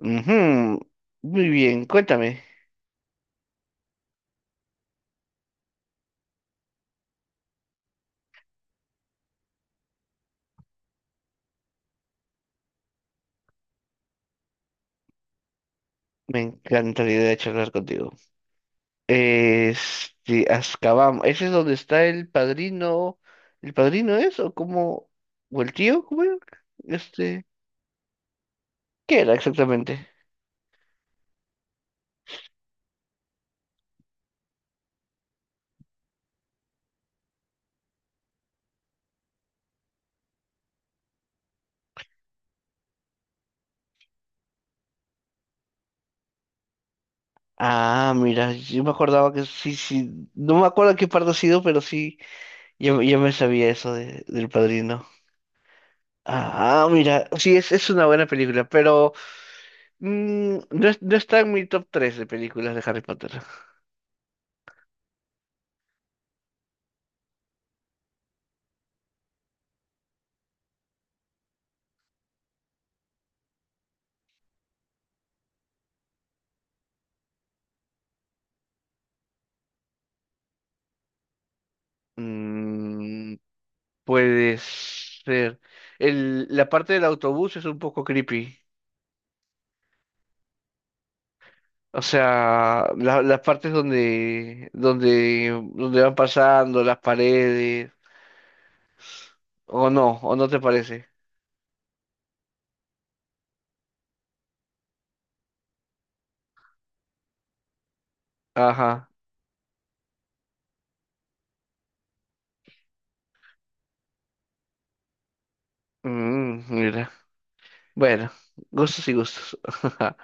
Ujú, muy bien, cuéntame. Me encanta la idea de charlar contigo. Este, Azkaban, ¿ese es donde está el padrino? ¿El padrino es o cómo? ¿O el tío? ¿Cómo era? Este, ¿qué era exactamente? Ah, mira, yo me acordaba que sí, sí, no me acuerdo qué parte ha sido, pero sí, yo me sabía eso del padrino. Ah, mira, sí, es una buena película, pero no, no está en mi top 3 de películas de Harry Potter. Mm, puede ser. El, la parte del autobús es un poco creepy. O sea, las partes donde van pasando, las paredes, o no te parece. Ajá. Mm, mira. Bueno, gustos y gustos.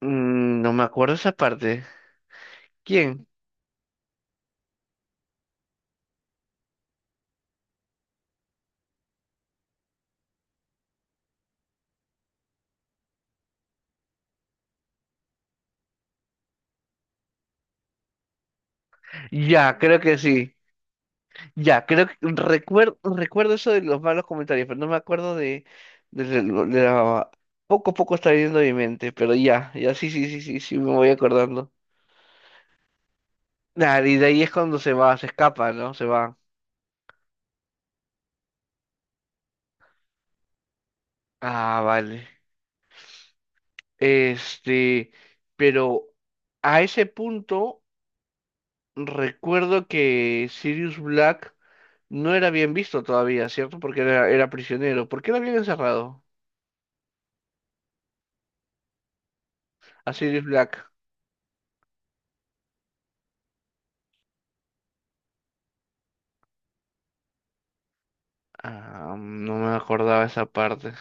Mm, no me acuerdo esa parte. ¿Quién? Ya, creo que sí. Ya, creo que recuerdo, recuerdo eso de los malos comentarios, pero no me acuerdo de la. Poco a poco está yendo mi mente, pero ya, ya sí, sí, sí, sí, sí, me voy acordando. Nah, y de ahí es cuando se va, se escapa, ¿no? Se va. Ah, vale. Este, pero a ese punto recuerdo que Sirius Black no era bien visto todavía, ¿cierto? Porque era prisionero. ¿Por qué lo habían encerrado? A Sirius Black. Ah, no me acordaba esa parte.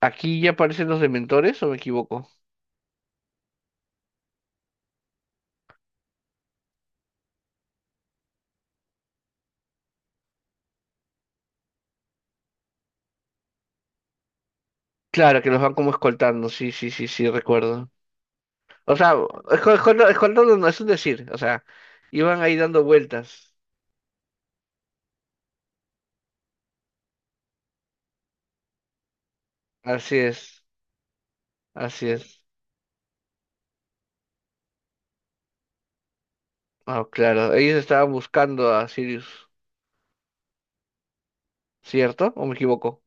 Aquí ya aparecen los dementores, ¿o me equivoco? Claro, que los van como escoltando, sí, sí, sí, sí, recuerdo. O sea, escoltando no es un decir, o sea, iban ahí dando vueltas. Así es, así es. Ah, claro, ellos estaban buscando a Sirius, ¿cierto? ¿O me equivoco?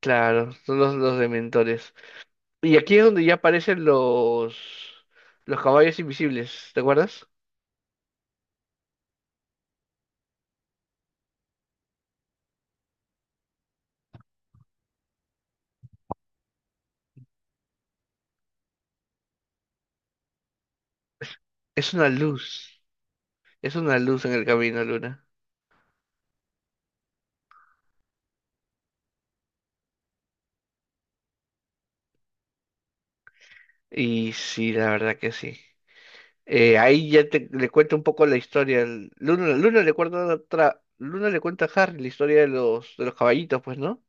Claro, son los dementores. Y aquí es donde ya aparecen los caballos invisibles, ¿te acuerdas? Es una luz, es una luz en el camino, Luna. Y sí, la verdad que sí. Ahí ya te, le cuento un poco la historia. Luna le cuenta a Harry la historia de de los caballitos, pues, ¿no?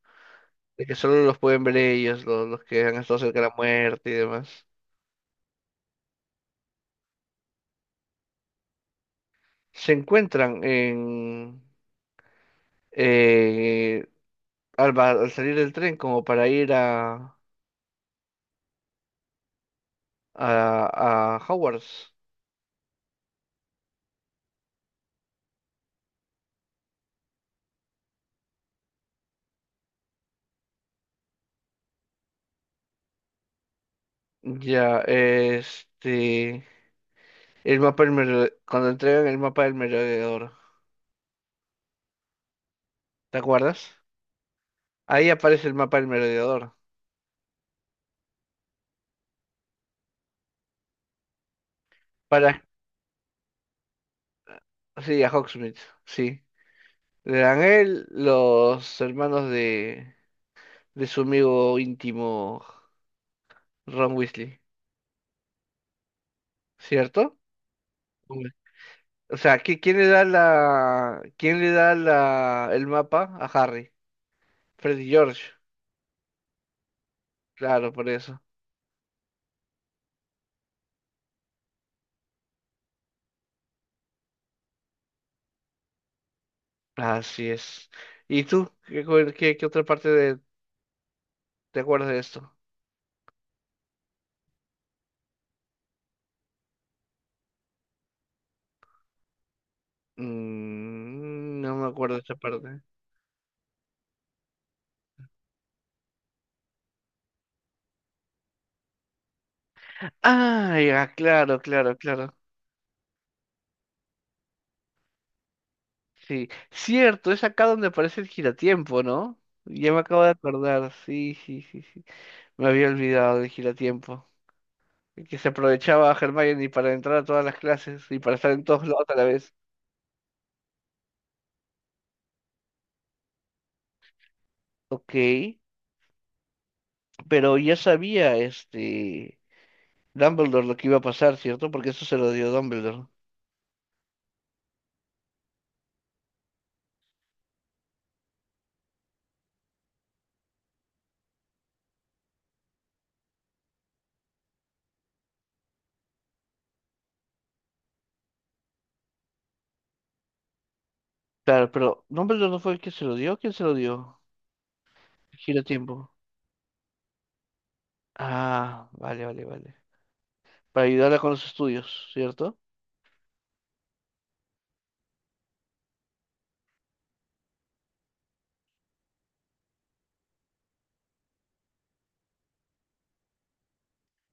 De que solo los pueden ver ellos, los que han estado cerca de la muerte y demás. Se encuentran en eh, al, al salir del tren como para ir a Hogwarts. Ya, este, el mapa del merode- cuando entregan el mapa del merodeador, ¿te acuerdas? Ahí aparece el mapa del merodeador. Para sí, a Hawksmith, sí. Le dan él, los hermanos de su amigo íntimo Ron Weasley, ¿cierto? Hombre. O sea, ¿quién le da quién le da el mapa a Harry? Freddy George, claro, por eso. Así es. ¿Y tú? ¿Qué otra parte de, te acuerdas de esto? Mm, no me acuerdo de esa parte. Ah, ya, claro, claro, claro. Sí, cierto, es acá donde aparece el giratiempo, ¿no? Ya me acabo de acordar, sí, sí, sí, sí. Me había olvidado del giratiempo. El que se aprovechaba a Hermione para entrar a todas las clases y para estar en todos lados a la vez. Ok, pero ya sabía este Dumbledore lo que iba a pasar, ¿cierto? Porque eso se lo dio Dumbledore. Claro, pero Dumbledore no fue el que se lo dio, ¿quién se lo dio? El giratiempo. Ah, vale, vale, vale. Para ayudarla con los estudios, ¿cierto?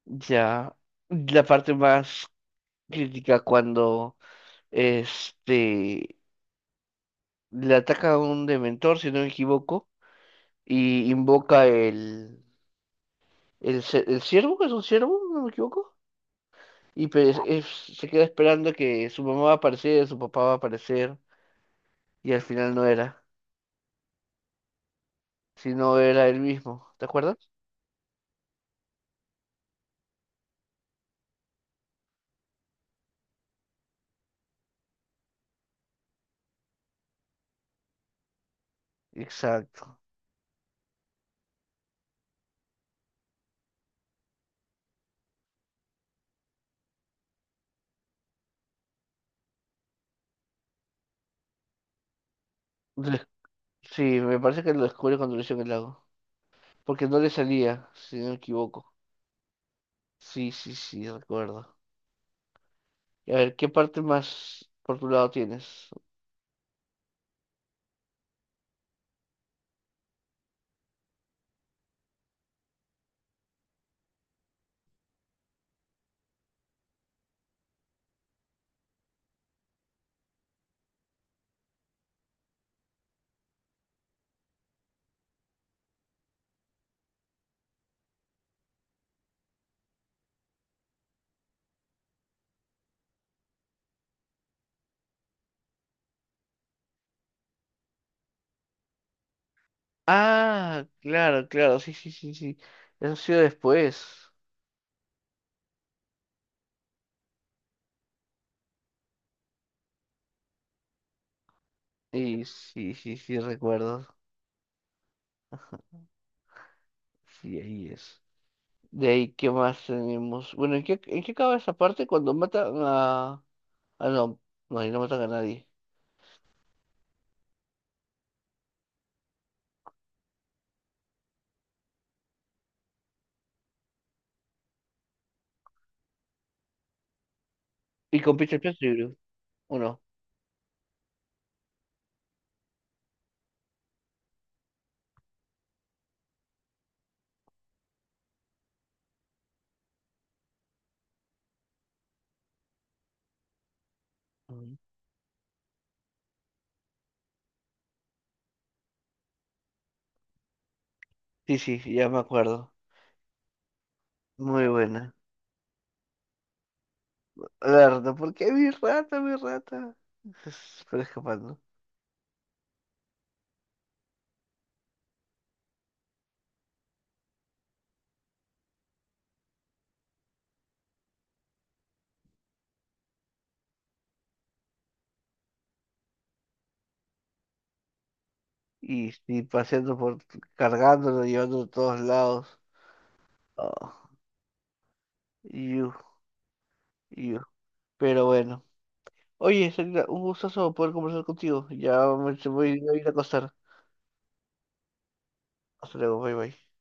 Ya. La parte más crítica cuando este le ataca a un dementor, si no me equivoco, y invoca el ciervo, que es un ciervo, no me equivoco, y se queda esperando que su mamá va a aparecer, su papá va a aparecer, y al final no era, sino era él mismo, ¿te acuerdas? Exacto. Le- Sí, me parece que lo descubre cuando lo hizo en el lago, porque no le salía, si no me equivoco. Sí, sí, sí, recuerdo. Y a ver, ¿qué parte más por tu lado tienes? Ah, claro, claro, sí, sí, sí, sí. Eso ha sido después. Y sí, sí, sí, recuerdo. Sí, ahí es. De ahí, ¿qué más tenemos? Bueno, en qué acaba esa parte cuando matan a... ah, no, no, ahí no matan a nadie. Y con Peter Pettigrew, ¿o no? Ujú. Sí, sí, sí, ya me acuerdo. Muy buena. La rata, ¿por qué mi rata, mi rata? Es- pero escapando. Y paseando por... cargándolo, llevándolo a todos lados. Oh, you. You. Pero bueno. Oye, Sarita, un gustazo poder conversar contigo. Ya me, se voy a ir a acostar. Hasta luego, bye bye.